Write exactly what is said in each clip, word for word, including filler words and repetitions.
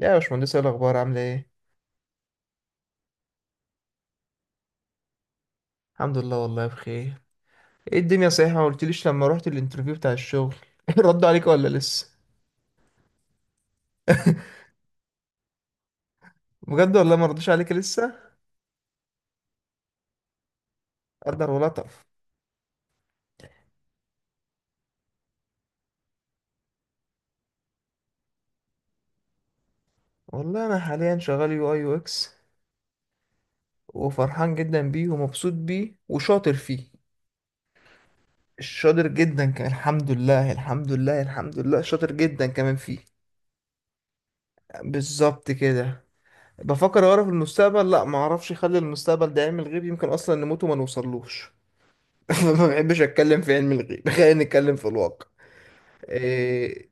يا باشمهندس، ايه الاخبار؟ عامله ايه؟ الحمد لله والله بخير. ايه الدنيا صحيحه؟ ما قلتليش لما رحت الانترفيو بتاع الشغل. ردوا عليك ولا لسه؟ بجد؟ والله ما ردوش عليك لسه؟ قدر ولطف. والله انا حاليا شغال يو اي يو اكس، وفرحان جدا بيه ومبسوط بيه وشاطر فيه. شاطر جدا كان، الحمد لله الحمد لله الحمد لله، شاطر جدا كمان فيه. بالظبط كده. بفكر اعرف المستقبل، لا ما اعرفش، اخلي المستقبل ده يعمل غيب، يمكن اصلا نموت وما نوصلوش. ما بحبش اتكلم في علم الغيب، خلينا نتكلم في الواقع. إيه...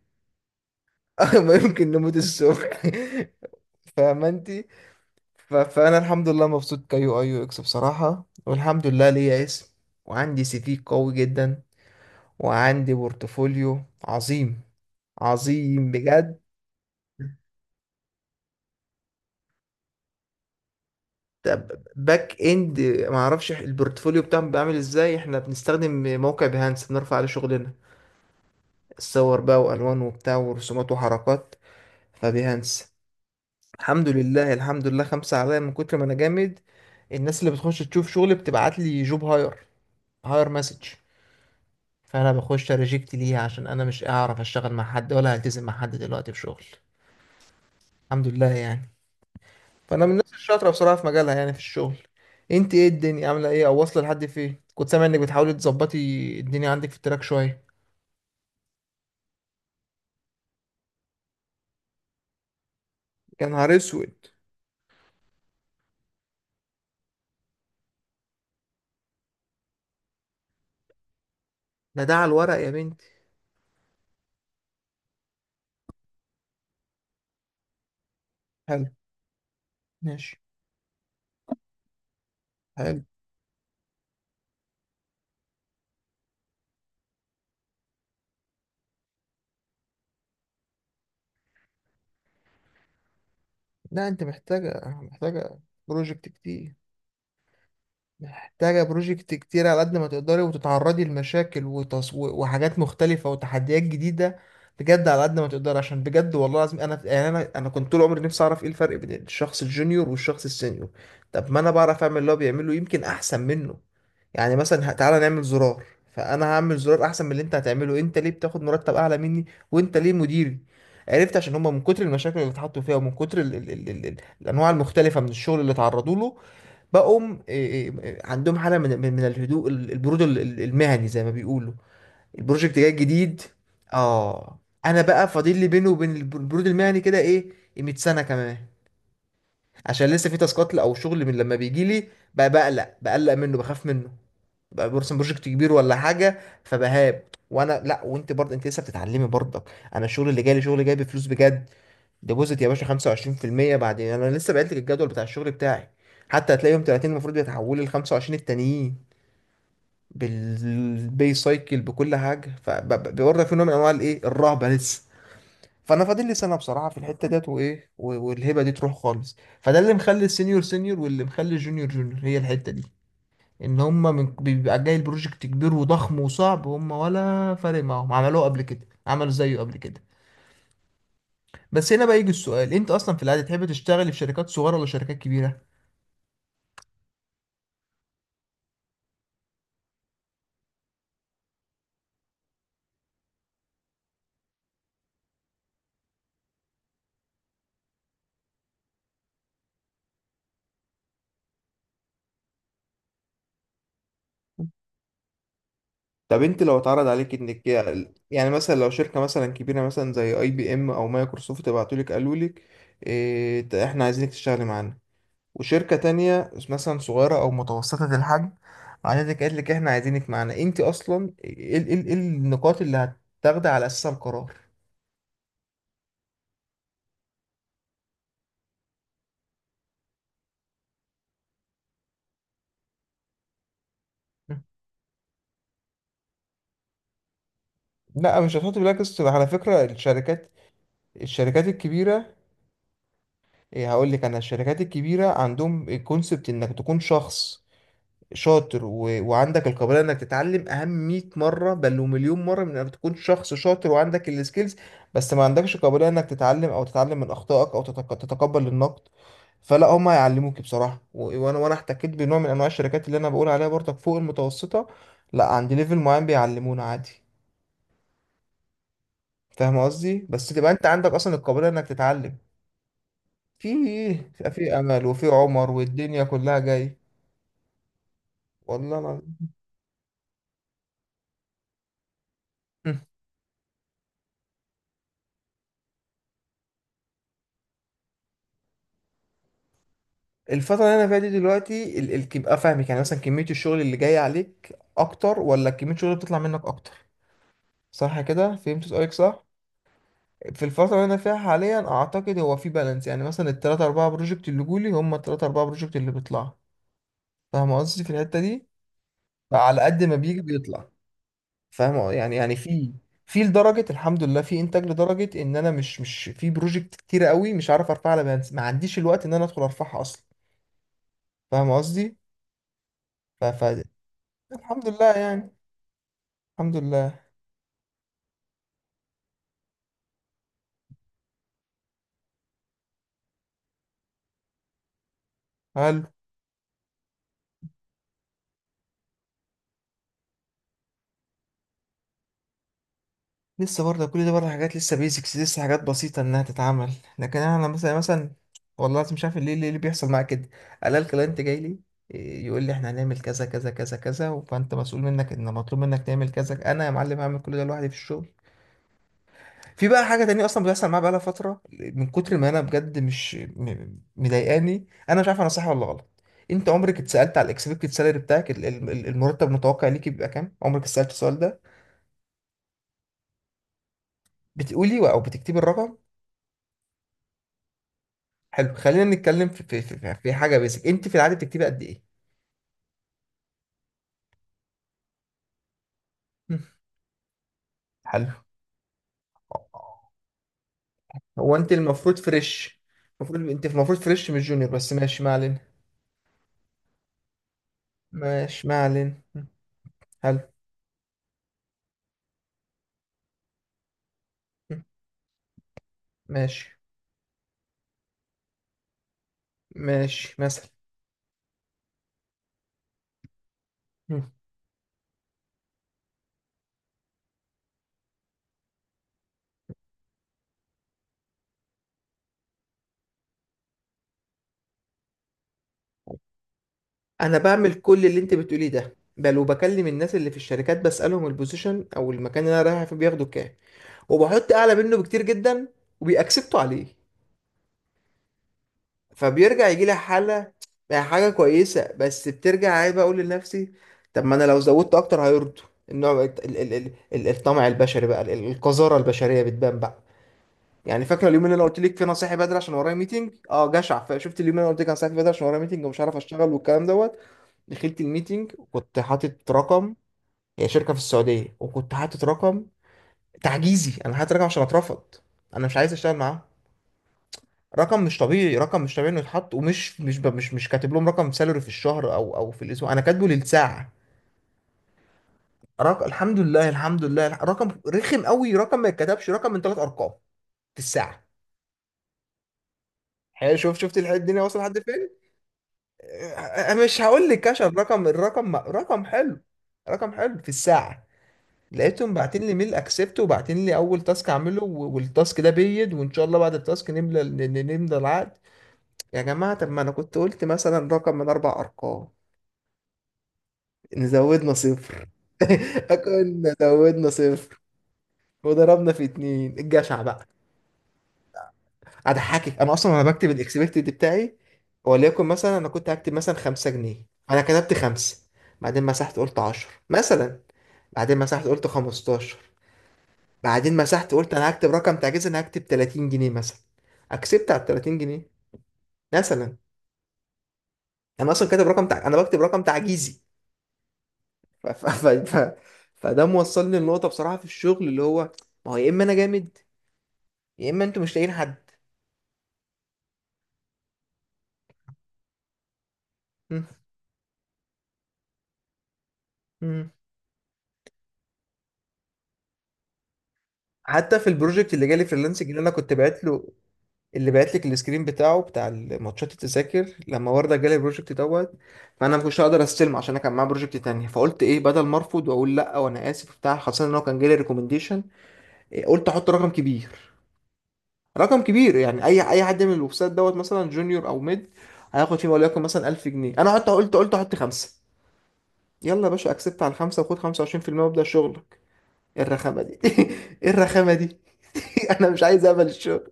ما يمكن نموت الصبح. فاهمة انت. ف... فانا الحمد لله مبسوط كيو اي يو اكس بصراحة، والحمد لله ليا اسم، وعندي سي في قوي جدا، وعندي بورتفوليو عظيم، عظيم بجد. طب باك اند ما اعرفش البورتفوليو بتاعهم بيعمل ازاي، احنا بنستخدم موقع بيهانس، بنرفع عليه شغلنا، الصور بقى والوان وبتاع ورسومات وحركات، فبيهانس الحمد لله الحمد لله، خمسة عليا من كتر ما انا جامد. الناس اللي بتخش تشوف شغل بتبعت لي جوب هاير، هاير مسج، فانا بخش ريجكت ليها عشان انا مش اعرف اشتغل مع حد، ولا هلتزم مع حد دلوقتي في شغل. الحمد لله يعني. فانا من الناس الشاطرة بصراحة في مجالها، يعني في الشغل. انت ايه الدنيا عاملة ايه، او واصلة لحد فين؟ كنت سامع انك بتحاولي تظبطي الدنيا عندك في التراك شوية. يا نهار اسود. ده ده على الورق يا بنتي. حلو. ماشي. حلو. لا انت محتاجة، محتاجة بروجكت كتير، محتاجة بروجكت كتير على قد ما تقدري، وتتعرضي لمشاكل وتص... و- وحاجات مختلفة وتحديات جديدة. بجد على قد ما تقدري، عشان بجد والله العظيم انا يعني انا انا كنت طول عمري نفسي اعرف ايه الفرق بين الشخص الجونيور والشخص السينيور. طب ما انا بعرف اعمل اللي هو بيعمله، يمكن احسن منه. يعني مثلا ه- تعالى نعمل زرار، فانا هعمل زرار احسن من اللي انت هتعمله. انت ليه بتاخد مرتب اعلى مني؟ وانت ليه مديري؟ عرفت عشان هما من كتر المشاكل اللي اتحطوا فيها، ومن كتر ال ال ال ال الانواع المختلفة من الشغل اللي اتعرضوا له، بقوم إيه، إيه عندهم حالة من من من الهدوء، ال- البرود ال- ال- المهني زي ما بيقولوا. البروجكت جاي جديد، اه. انا بقى فاضل لي بينه وبين الب- البرود المهني كده ايه؟ مية سنة كمان، عشان لسه في تاسكات او شغل من لما بيجي لي بقى، بقلق، بقلق منه، بخاف منه، بقى برسم بروجكت كبير ولا حاجة فبهاب. وانا لا، وانت برضه انت لسه بتتعلمي برضك. انا الشغل اللي جاي لي شغل جاي بفلوس بجد، ديبوزيت يا باشا خمسة وعشرين في المية بعد. انا لسه بعت لك الجدول بتاع الشغل بتاعي، حتى هتلاقي يوم تلاتين المفروض بيتحولوا ل خمسة وعشرين التانيين بالبي سايكل بكل حاجه. فبرضه في نوع من انواع الايه، الرهبه لسه. فانا فاضل لي سنه بصراحه في الحته ديت، وايه و- والهبه دي تروح خالص، فده اللي مخلي السينيور سينيور، واللي مخلي الجونيور جونيور، هي الحته دي. ان هم من بيبقى جاي البروجكت كبير وضخم وصعب، هم ولا فارق معاهم، عملوه قبل كده، عملوا زيه قبل كده. بس هنا بقى يجي السؤال، انت اصلا في العاده تحب تشتغل في شركات صغيره ولا شركات كبيره؟ طب انت لو اتعرض عليك انك، يعني مثلا لو شركه مثلا كبيره مثلا زي اي بي ام او مايكروسوفت بعتولك قالوا لك إيه، احنا عايزينك تشتغلي معانا، وشركه تانية مثلا صغيره او متوسطه الحجم عايزك قالت لك احنا عايزينك معانا، انت اصلا ايه ال- ال- ال- النقاط اللي هتاخدي على اساسها القرار؟ لا مش هتحط، بالعكس على فكره الشركات، الشركات الكبيره، إيه هقول لك، انا الشركات الكبيره عندهم الكونسبت انك تكون شخص شاطر و... وعندك القابليه انك تتعلم اهم مية مره بل ومليون مره من انك تكون شخص شاطر وعندك السكيلز بس ما عندكش قابليه انك تتعلم، او تتعلم من اخطائك، او تتق... تتقبل النقد. فلا، هم هيعلموك بصراحه، و... وانا وانا احتكيت بنوع من انواع الشركات اللي انا بقول عليها برضك، فوق المتوسطه لا، عند ليفل معين بيعلمونا عادي. فاهم قصدي؟ بس تبقى انت عندك اصلا القابليه انك تتعلم. في، في امل وفي عمر، والدنيا كلها جاي والله العظيم. مم. الفترة اللي أنا فيها دي دلوقتي ال- ال- يبقى فاهمك، يعني مثلا كمية الشغل اللي جاي عليك أكتر ولا كمية الشغل اللي بتطلع منك أكتر؟ صح كده، فهمت سؤالك صح؟ في الفترة اللي أنا فيها حاليا أعتقد هو في بالانس، يعني مثلا التلاتة أربعة بروجكت اللي جولي هم التلاتة أربعة بروجكت اللي بيطلعوا. فاهم قصدي في الحتة دي؟ على قد ما بيجي بيطلع. فاهم يعني، يعني في، في لدرجة الحمد لله في إنتاج لدرجة إن أنا مش مش في بروجكت كتيرة قوي مش عارف أرفعها على بالانس، ما عنديش الوقت إن أنا أدخل أرفعها أصلا. فاهم قصدي؟ الحمد لله يعني. الحمد لله. حلو. لسه برضه كل ده برضه حاجات لسه بيزكس، لسه حاجات بسيطة إنها تتعمل. لكن أنا مثلا مثلا والله العظيم مش عارف ليه، ليه اللي بيحصل معايا كده، ألاقي الكلاينت جاي لي، إيه، يقول لي إحنا هنعمل كذا كذا كذا كذا، فأنت مسؤول منك، إن مطلوب منك تعمل كذا. أنا يا معلم هعمل كل ده لوحدي في الشغل. في بقى حاجة تانية أصلا بتحصل معايا بقالها فترة، من كتر ما أنا بجد مش م- مضايقاني، أنا مش عارف أنا صح ولا غلط. أنت عمرك اتسألت على الإكسبكتد سالري بتاعك، ال- ال- المرتب المتوقع ليك بيبقى كام؟ عمرك اتسألت السؤال ده؟ بتقولي و- او بتكتبي الرقم؟ حلو، خلينا نتكلم في في في, في حاجه بيسك، انت في العاده بتكتبي قد ايه؟ مم. حلو. هو انت المفروض فريش، المفروض انت المفروض فريش مش جونيور، بس ماشي ما علينا. ماشي ما علينا مم. حلو. مم. ماشي. ماشي مثلا. مم. انا بعمل كل اللي انت بتقوليه ده، بل وبكلم الناس اللي في الشركات بسألهم البوزيشن او المكان اللي انا رايح فيه بياخدوا كام، وبحط اعلى منه بكتير جدا، وبيأكسبتوا عليه، فبيرجع يجي لي حاله. يعني حاجه كويسه، بس بترجع عيب اقول لنفسي، طب ما انا لو زودت اكتر هيرضوا. النوع ال- ال- ال- ال- الطمع البشري بقى، ال- ال- القذاره البشريه بتبان بقى. يعني فاكره اليوم اللي انا قلت لك فيه انا صاحي بدري عشان ورايا ميتنج؟ اه، جشع. فشفت اليوم اللي انا قلت لك انا صاحي بدري عشان ورايا ميتنج ومش عارف اشتغل والكلام دوت، دخلت الميتنج وكنت حاطط رقم، هي شركه في السعوديه، وكنت حاطط رقم تعجيزي، انا حاطط رقم عشان اترفض، انا مش عايز اشتغل معاهم. رقم مش طبيعي، رقم مش طبيعي انه يتحط، ومش مش ب- مش مش كاتب لهم رقم سالري في الشهر او او في الاسبوع، انا كاتبه للساعه. رقم، الحمد لله الحمد لله الح- رقم رخم قوي، رقم ما يتكتبش، رقم من ثلاث ارقام في الساعه. حلو، شوف، شفت الح- الدنيا واصله لحد فين. آه، مش هقول لك كشف رقم، الرقم رقم حلو، رقم حلو في الساعه. لقيتهم باعتين لي ميل اكسبت، وباعتين لي اول تاسك اعمله، و- والتاسك ده بيد، وان شاء الله بعد التاسك نملى ن- ن- نملى العقد. يا جماعه، طب ما انا كنت قلت مثلا رقم من اربع ارقام، إن زودنا صفر. كنا زودنا صفر وضربنا في اتنين، الجشع بقى. اضحكك، انا اصلا وانا بكتب الاكسبكتد بتاعي، وليكن مثلا انا كنت هكتب مثلا خمسة جنيه، انا كتبت خمسة، بعدين مسحت قلت عشر مثلا، بعدين مسحت قلت خمستاشر، بعدين مسحت قلت انا هكتب رقم تعجيزي، انا هكتب تلاتين جنيه مثلا، اكسبت على تلاتين جنيه مثلا. انا اصلا كاتب رقم تع... انا بكتب رقم تعجيزي. ف... ف... ف... ف... فده موصلني لنقطة بصراحة في الشغل اللي هو، ما هو يا اما انا جامد، يا اما انتوا مش لاقيين حد. مم. مم. حتى في البروجكت اللي جالي فريلانسنج اللي انا كنت بعت له، اللي بعت لك السكرين بتاعه بتاع الماتشات التذاكر، لما ورده جالي البروجكت دوت، فانا ما كنتش هقدر استلم عشان انا كان معايا بروجكت تاني، فقلت ايه بدل ما ارفض واقول لا وانا اسف بتاع، خاصه ان هو كان جالي ريكومنديشن، قلت احط رقم كبير، رقم كبير يعني اي اي حد من الويب سايت دوت مثلا جونيور او ميد هياخد فيه، وليكن مثلا الف جنيه، انا حتى قلت قلت احط خمسه، يلا يا باشا اكسبت على الخمسه وخد خمسة وعشرين في المية وابدا شغل. ايه الرخامه دي؟ ايه الرخامه دي؟ انا مش عايز اقبل الشغل.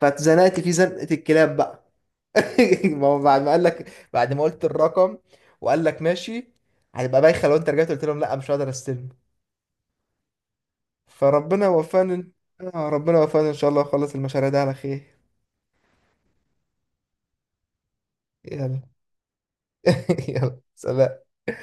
فاتزنقت في زنقه الكلاب بقى. ما هو بعد ما قال لك، بعد ما قلت الرقم وقال لك ماشي، هتبقى بايخه لو انت رجعت قلت لهم لا مش هقدر استلم. فربنا وفقني. إن- آه، ربنا وفقني ان شاء الله اخلص المشاريع دي على خير. يلا. يلا، سلام.